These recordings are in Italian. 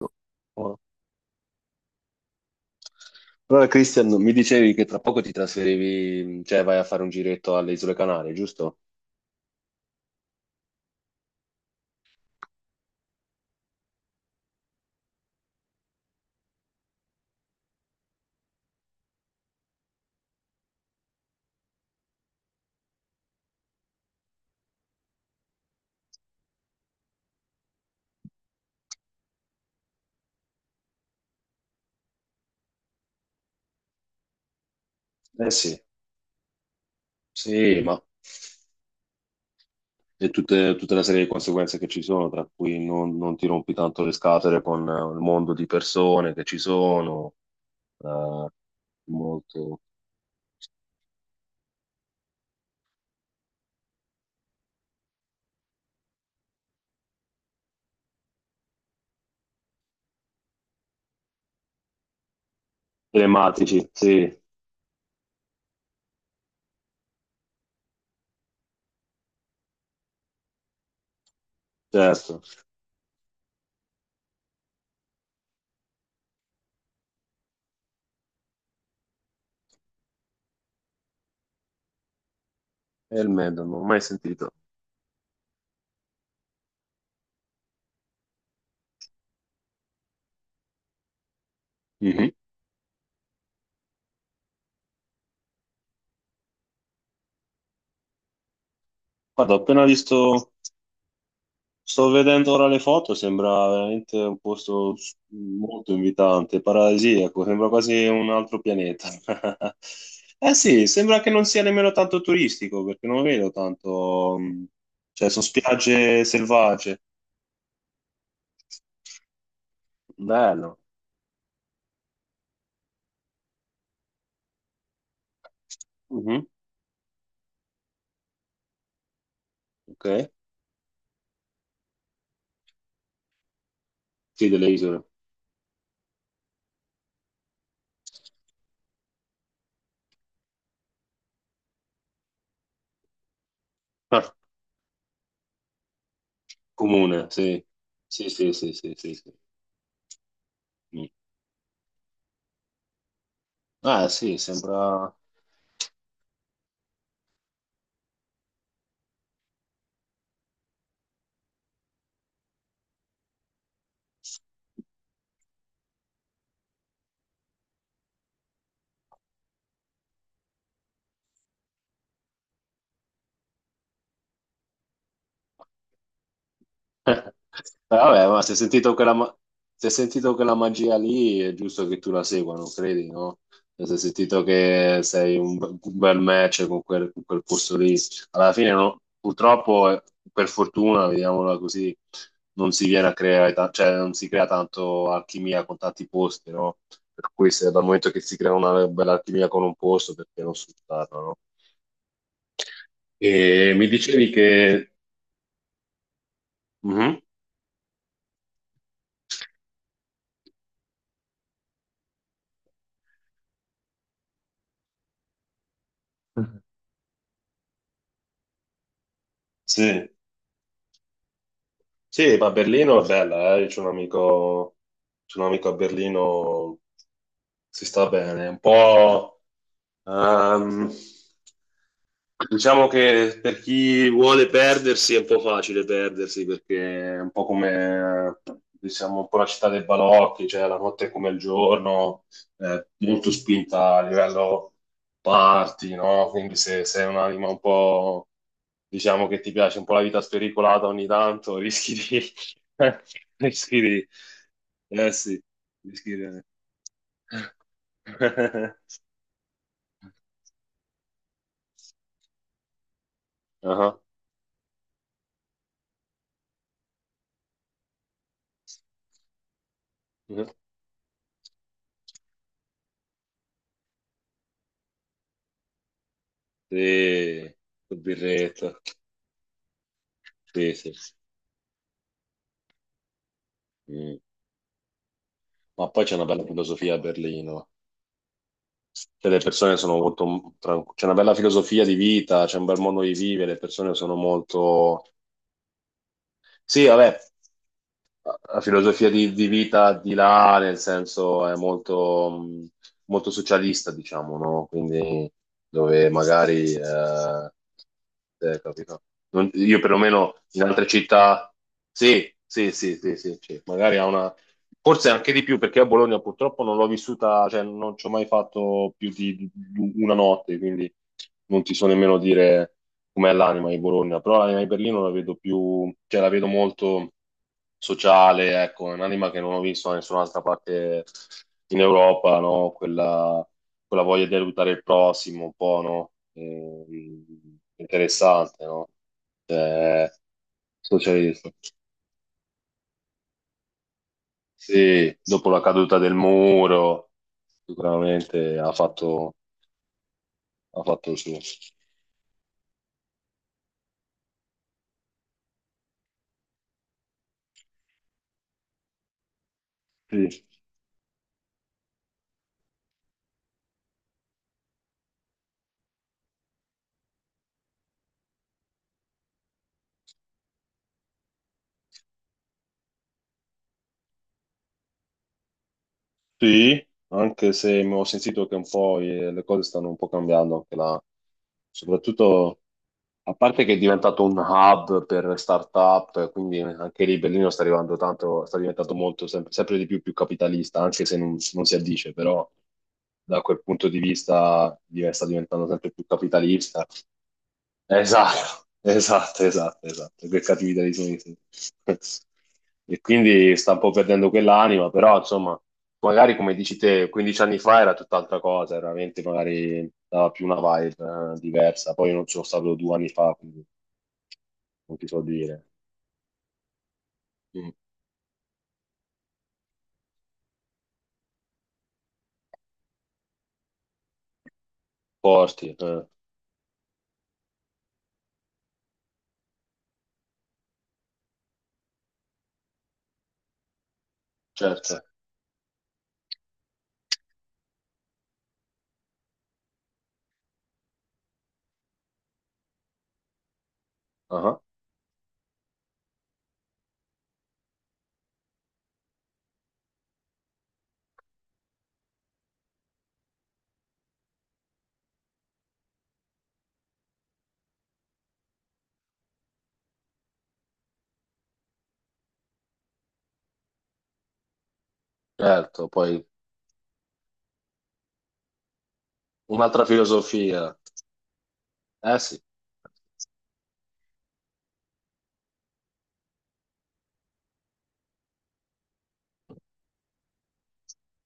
No. Buono. Allora, Christian, mi dicevi che tra poco ti trasferivi, cioè vai a fare un giretto alle Isole Canarie, giusto? Eh sì. Sì, ma e tutta la serie di conseguenze che ci sono, tra cui non ti rompi tanto le scatole con il mondo di persone che ci sono, eh, molto telematici, sì, certo. E il Med, non l'ho mai sentito. Mhm. Guarda, ho appena visto. Sto vedendo ora le foto, sembra veramente un molto invitante, paradisiaco, sembra quasi un altro pianeta. Eh sì, sembra che non sia nemmeno tanto turistico, perché non vedo tanto, cioè sono spiagge selvagge. Bello. Mhm. Ok. Sì, delle isole. Ah, comune, sì. Sì, sì, sì, sì, sì, sì. Mm. Ah sì, sembra... Eh. Vabbè, ma se hai sentito se hai sentito quella magia lì, è giusto che tu la segua, non credi, no? Se hai sentito che sei un bel match con con quel posto lì, alla fine, purtroppo, per fortuna, vediamola così, non si viene a cioè non si crea tanto alchimia con tanti posti, no? Per cui se dal momento che si crea una bella alchimia con un posto, perché non sfruttarla, no? E mi dicevi che... Mhm. Sì. Sì, ma Berlino è bella, eh. C'è un amico a Berlino, si sta bene, un po'. Ehm, diciamo che per chi vuole perdersi è un po' facile perdersi perché è un po' come, diciamo, un po' la città dei balocchi, cioè la notte è come il giorno, molto spinta a livello party, no? Quindi se sei un'anima un po', diciamo che ti piace un po' la vita spericolata ogni tanto, rischi di... rischi di... Eh sì, rischi di... Ah. Ah. Sì, col birretto. Sì, sì. Mm. Ma poi c'è una bella filosofia a Berlino. Cioè, le persone sono molto tranquille. C'è una bella filosofia di vita, c'è un bel modo di vivere, le persone sono molto... Sì, vabbè, la filosofia di vita di là, nel senso, è molto, molto socialista, diciamo, no? Quindi dove magari... capito? Io perlomeno in altre città... Sì, sì, sì, sì, sì, sì. Magari ha una... Forse anche di più, perché a Bologna purtroppo non l'ho vissuta, cioè non ci ho mai fatto più di una notte, quindi non ti so nemmeno dire com'è l'anima di Bologna, però l'anima di Berlino la vedo più, cioè la vedo molto sociale, ecco, è un'anima che non ho visto da nessun'altra parte in Europa, no? Quella, quella voglia di aiutare il prossimo, un po', no? Interessante, no? Cioè, socialista. Sì, dopo la caduta del muro, sicuramente ha fatto il suo. Sì. Sì, anche se mi ho sentito che un po' le cose stanno un po' cambiando anche là. Soprattutto, a parte che è diventato un hub per start-up, quindi anche lì Berlino sta arrivando tanto, sta diventando molto, sempre, sempre di più, più capitalista, anche se non si addice, però da quel punto di vista sta diventando sempre più capitalista. Esatto, esatto, esatto, esatto, che cattività di Swayze. E quindi sta un po' perdendo quell'anima, però insomma, magari come dici te, 15 anni fa era tutt'altra cosa, era veramente magari dava più una vibe diversa, poi io non sono stato due anni fa, quindi non ti so dire. Mm. Forti, certo. Ah, certo, poi un'altra filosofia, eh sì.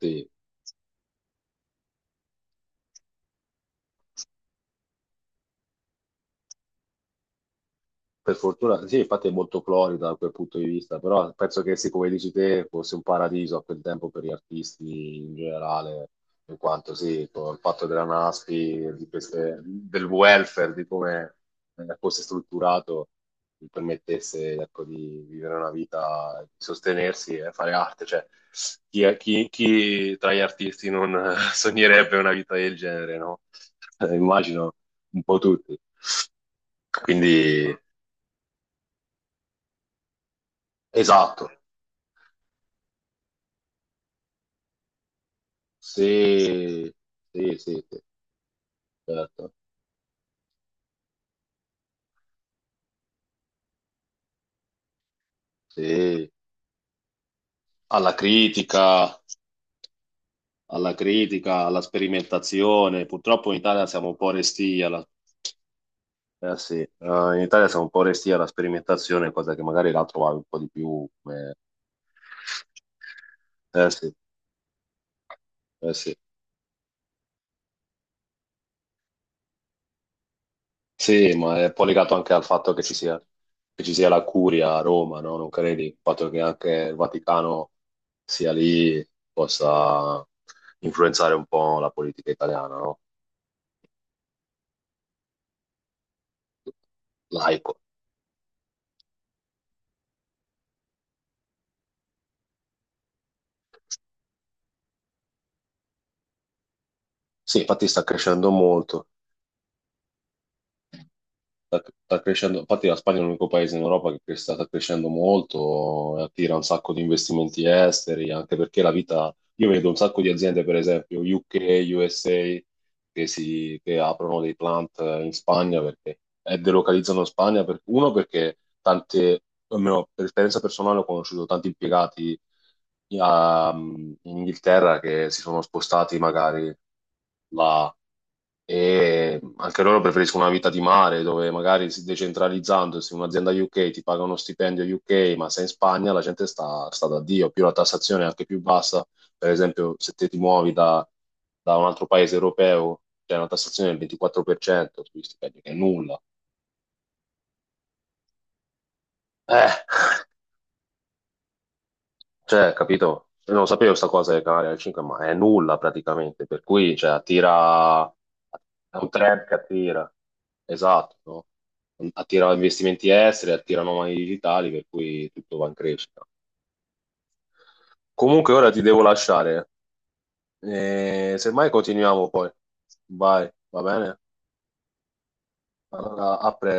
Sì. Per fortuna, sì, infatti è molto florida da quel punto di vista, però penso che, sì, come dici te, fosse un paradiso a quel tempo per gli artisti in generale, in quanto sì, con il fatto della NASPI, di del welfare, di come fosse strutturato, gli permettesse, ecco, di vivere una vita, di sostenersi e fare arte. Cioè, chi tra gli artisti non sognerebbe una vita del genere, no? Immagino un po' tutti. Quindi, esatto. Sì, sì, sì, sì, certo. Sì. Alla critica, alla critica, alla sperimentazione. Purtroppo in Italia siamo un po' restii alla... sì, in Italia siamo un po' restii alla sperimentazione, cosa che magari là trovavi un po' di più come... Eh sì, eh sì. Sì, ma è un po' legato anche al fatto che ci sia la curia a Roma, no? Non credi? Il fatto che anche il Vaticano sia lì possa influenzare un po' la politica italiana, no? Laico. Sì, infatti sta crescendo molto. Sta, sta crescendo, infatti la Spagna è l'unico paese in Europa che sta, sta crescendo molto, e attira un sacco di investimenti esteri, anche perché la vita... Io vedo un sacco di aziende, per esempio, UK, USA che, si, che aprono dei plant in Spagna perché e delocalizzano in Spagna per, uno perché tante, almeno per esperienza personale ho conosciuto tanti impiegati in Inghilterra che si sono spostati magari là e anche loro preferiscono una vita di mare dove magari si decentralizzandosi un'azienda UK ti paga uno stipendio UK ma se in Spagna la gente sta, sta da Dio più la tassazione è anche più bassa per esempio, se te ti muovi da, da un altro paese europeo, c'è una tassazione del 24% sugli stipendi, che è nulla. Eh, cioè, capito? Io non sapevo questa cosa del Canaria del 5, ma è nulla praticamente, per cui, cioè, attira, è un trend che attira, esatto, no? Attira investimenti esteri, attira nomadi digitali, per cui tutto va in crescita. Comunque ora ti devo lasciare, semmai continuiamo poi, vai, va bene? Allora, a presto.